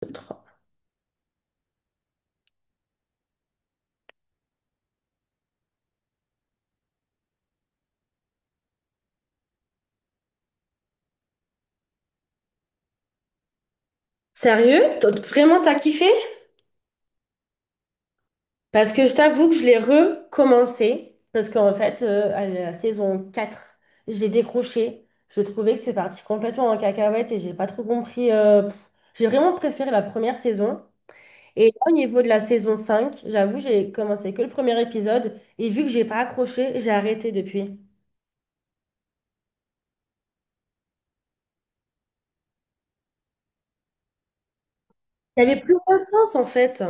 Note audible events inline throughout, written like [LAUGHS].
Contrat Sérieux? Vraiment, t'as kiffé? Parce que je t'avoue que je l'ai recommencé. Parce qu'en fait, à la saison quatre j'ai décroché. Je trouvais que c'est parti complètement en cacahuète et j'ai pas trop compris. Pff. J'ai vraiment préféré la première saison. Et là, au niveau de la saison 5, j'avoue, j'ai commencé que le premier épisode et vu que j'ai pas accroché, j'ai arrêté depuis. Ça avait plus aucun sens en fait.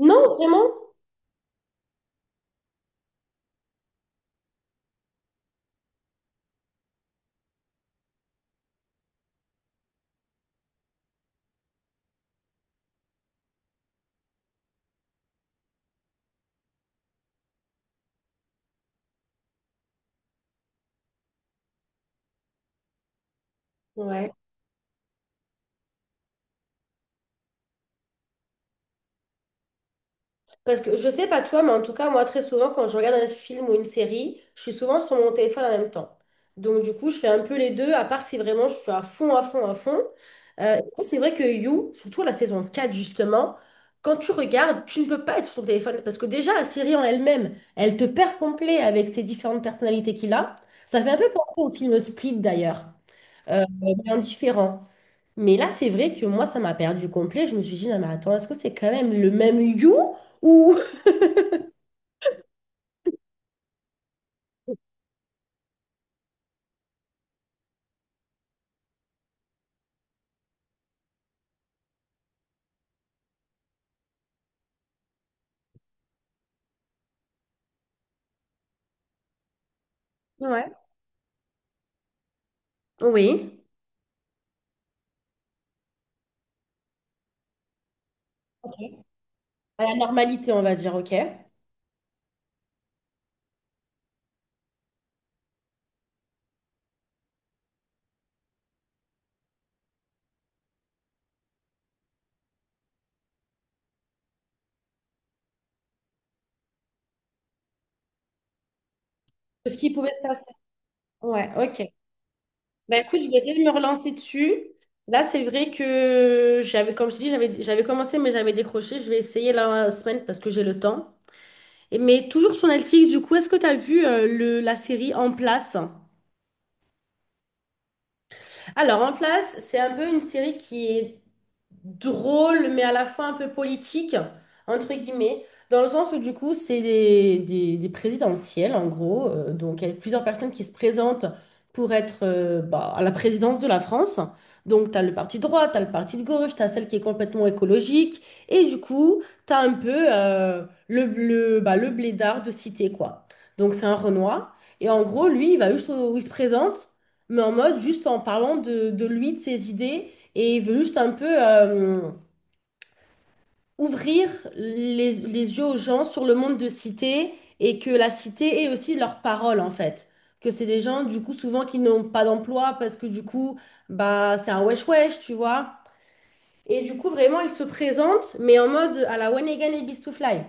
Non, vraiment? Ouais. Parce que je sais pas toi, mais en tout cas, moi, très souvent, quand je regarde un film ou une série, je suis souvent sur mon téléphone en même temps. Donc, du coup, je fais un peu les deux, à part si vraiment je suis à fond, à fond, à fond. C'est vrai que You, surtout la saison 4 justement, quand tu regardes, tu ne peux pas être sur ton téléphone. Parce que déjà, la série en elle-même, elle te perd complet avec ses différentes personnalités qu'il a. Ça fait un peu penser au film Split, d'ailleurs, mais en différent. Mais là, c'est vrai que moi, ça m'a perdu complet. Je me suis dit, non, mais attends, est-ce que c'est quand même le même You? Ou ouais. Oui. Ok. À la normalité, on va dire, ok. Ce qui pouvait se passer. Ouais, ok. Bah écoute, je vais essayer de me relancer dessus. Là, c'est vrai que j'avais, comme je dis, j'avais commencé, mais j'avais décroché. Je vais essayer la semaine parce que j'ai le temps. Et, mais toujours sur Netflix, du coup, est-ce que tu as vu la série En Place? Alors, En place, c'est un peu une série qui est drôle, mais à la fois un peu politique, entre guillemets, dans le sens où du coup, c'est des présidentielles, en gros. Donc, il y a plusieurs personnes qui se présentent pour être bah, à la présidence de la France. Donc, tu as le parti de droite, tu as le parti de gauche, tu as celle qui est complètement écologique. Et du coup, tu as un peu bah, le blédard de cité, quoi. Donc, c'est un Renoir. Et en gros, lui, il va juste où il se présente mais en mode juste en parlant de lui, de ses idées, et il veut juste un peu ouvrir les yeux aux gens sur le monde de cité et que la cité est aussi leur parole en fait. Que c'est des gens du coup souvent qui n'ont pas d'emploi parce que du coup bah c'est un wesh wesh, tu vois. Et du coup vraiment il se présente mais en mode à la When Again et Beast to Fly.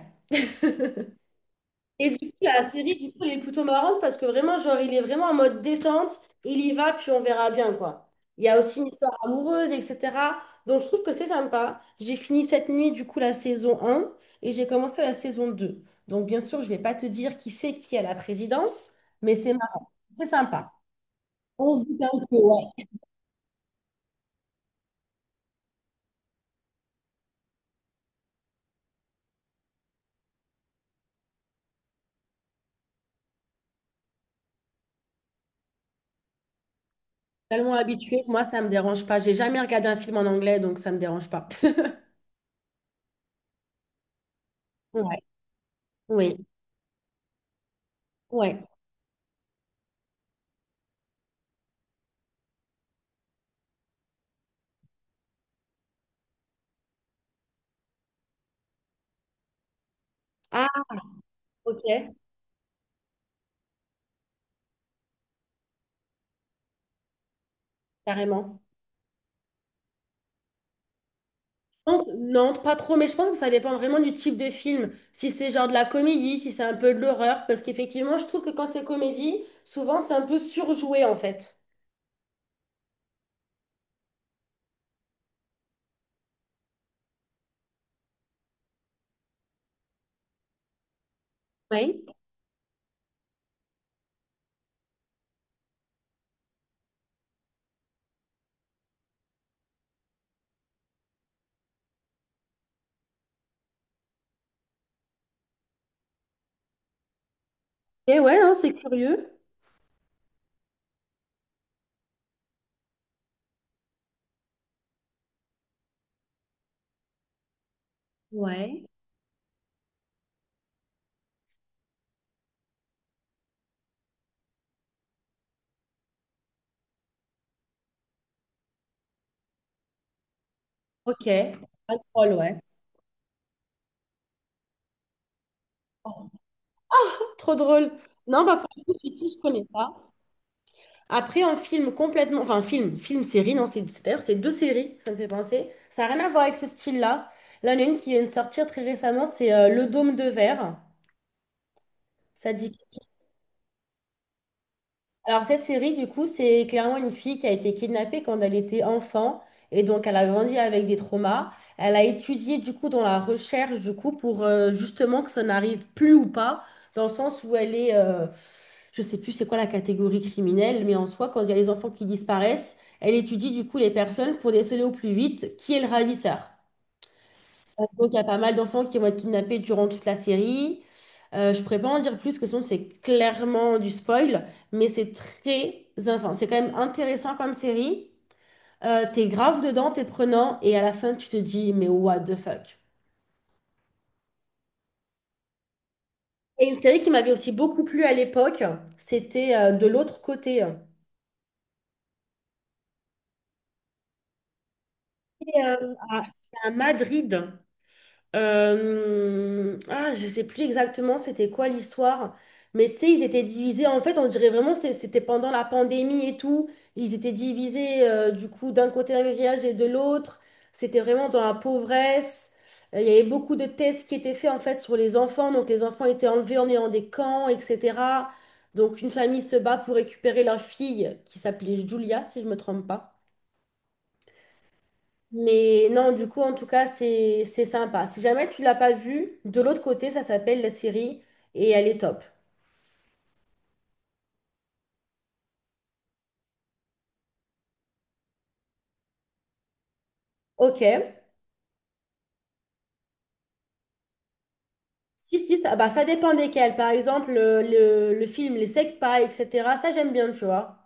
Et du coup, la série, du coup, elle est plutôt marrante parce que vraiment, genre, il est vraiment en mode détente, il y va, puis on verra bien, quoi. Il y a aussi une histoire amoureuse, etc. Donc, je trouve que c'est sympa. J'ai fini cette nuit, du coup, la saison un, et j'ai commencé la saison 2. Donc, bien sûr, je vais pas te dire qui c'est qui est à la présidence, mais c'est marrant. C'est sympa. On se dit un peu, ouais. Tellement habitué que moi, ça me dérange pas. J'ai jamais regardé un film en anglais, donc ça me dérange pas. [LAUGHS] Ouais, oui, ouais. Ah, ok, carrément. Non, pas trop, mais je pense que ça dépend vraiment du type de film. Si c'est genre de la comédie, si c'est un peu de l'horreur, parce qu'effectivement, je trouve que quand c'est comédie, souvent c'est un peu surjoué en fait. Ouais. Et ouais, hein, c'est curieux. Ouais. Ok, pas drôle, ouais. Trop drôle. Non, bah pour le coup, celui-ci, je connais pas. Après, en film complètement, enfin film, film, série, non, d'ailleurs c'est deux séries, ça me fait penser. Ça n'a rien à voir avec ce style-là. Là, il y en a une qui vient de sortir très récemment, c'est Le Dôme de Verre. Ça dit. Alors, cette série, du coup, c'est clairement une fille qui a été kidnappée quand elle était enfant. Et donc, elle a grandi avec des traumas. Elle a étudié, du coup, dans la recherche, du coup, pour justement que ça n'arrive plus ou pas, dans le sens où elle est, je sais plus c'est quoi la catégorie criminelle, mais en soi, quand il y a les enfants qui disparaissent, elle étudie, du coup, les personnes pour déceler au plus vite qui est le ravisseur. Donc, il y a pas mal d'enfants qui vont être kidnappés durant toute la série. Je ne pourrais pas en dire plus, que sinon c'est clairement du spoil, mais c'est très, enfin, c'est quand même intéressant comme série. T'es grave dedans, t'es prenant, et à la fin tu te dis, mais what the fuck. Et une série qui m'avait aussi beaucoup plu à l'époque, c'était De l'autre côté. Et, à Madrid. Ah, je sais plus exactement c'était quoi l'histoire, mais tu sais, ils étaient divisés. En fait, on dirait vraiment c'était pendant la pandémie et tout. Ils étaient divisés du coup d'un côté un grillage et de l'autre. C'était vraiment dans la pauvresse. Il y avait beaucoup de tests qui étaient faits en fait sur les enfants. Donc les enfants étaient enlevés, emmenés dans des camps, etc. Donc une famille se bat pour récupérer leur fille qui s'appelait Julia, si je me trompe pas. Mais non, du coup, en tout cas, c'est sympa. Si jamais tu l'as pas vu, de l'autre côté, ça s'appelle la série et elle est top. Ok. Si, si, ça, bah, ça dépend desquels. Par exemple, le film Les Secpa, etc. Ça, j'aime bien, tu vois.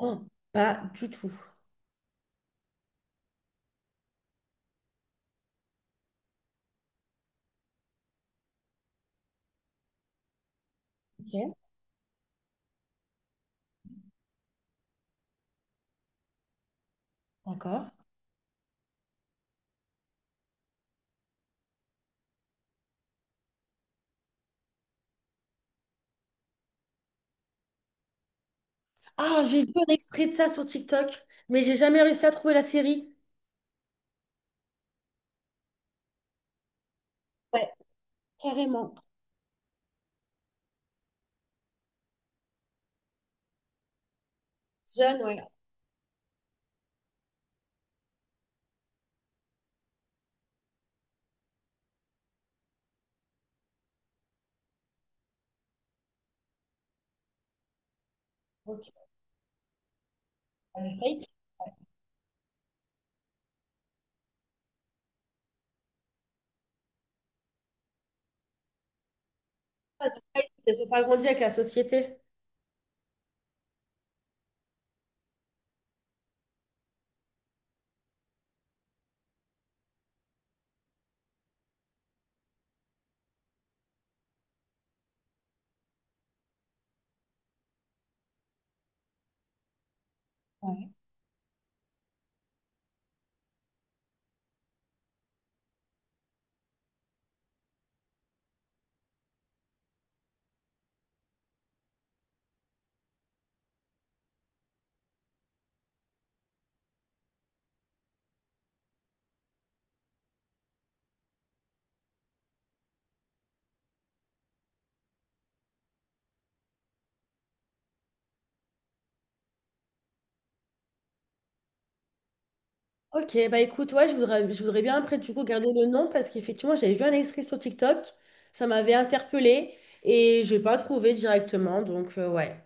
Oh, pas du tout. Ok, d'accord. Ah, j'ai vu un extrait de ça sur TikTok, mais j'ai jamais réussi à trouver la série. Ouais, carrément. Jeune, ouais. Ok. Elles ont pas Elles ont pas grandi avec la société. Ok, bah écoute, ouais, je voudrais bien après du coup garder le nom parce qu'effectivement j'avais vu un extrait sur TikTok, ça m'avait interpellée et j'ai pas trouvé directement, donc ouais.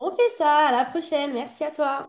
On fait ça, à la prochaine, merci à toi.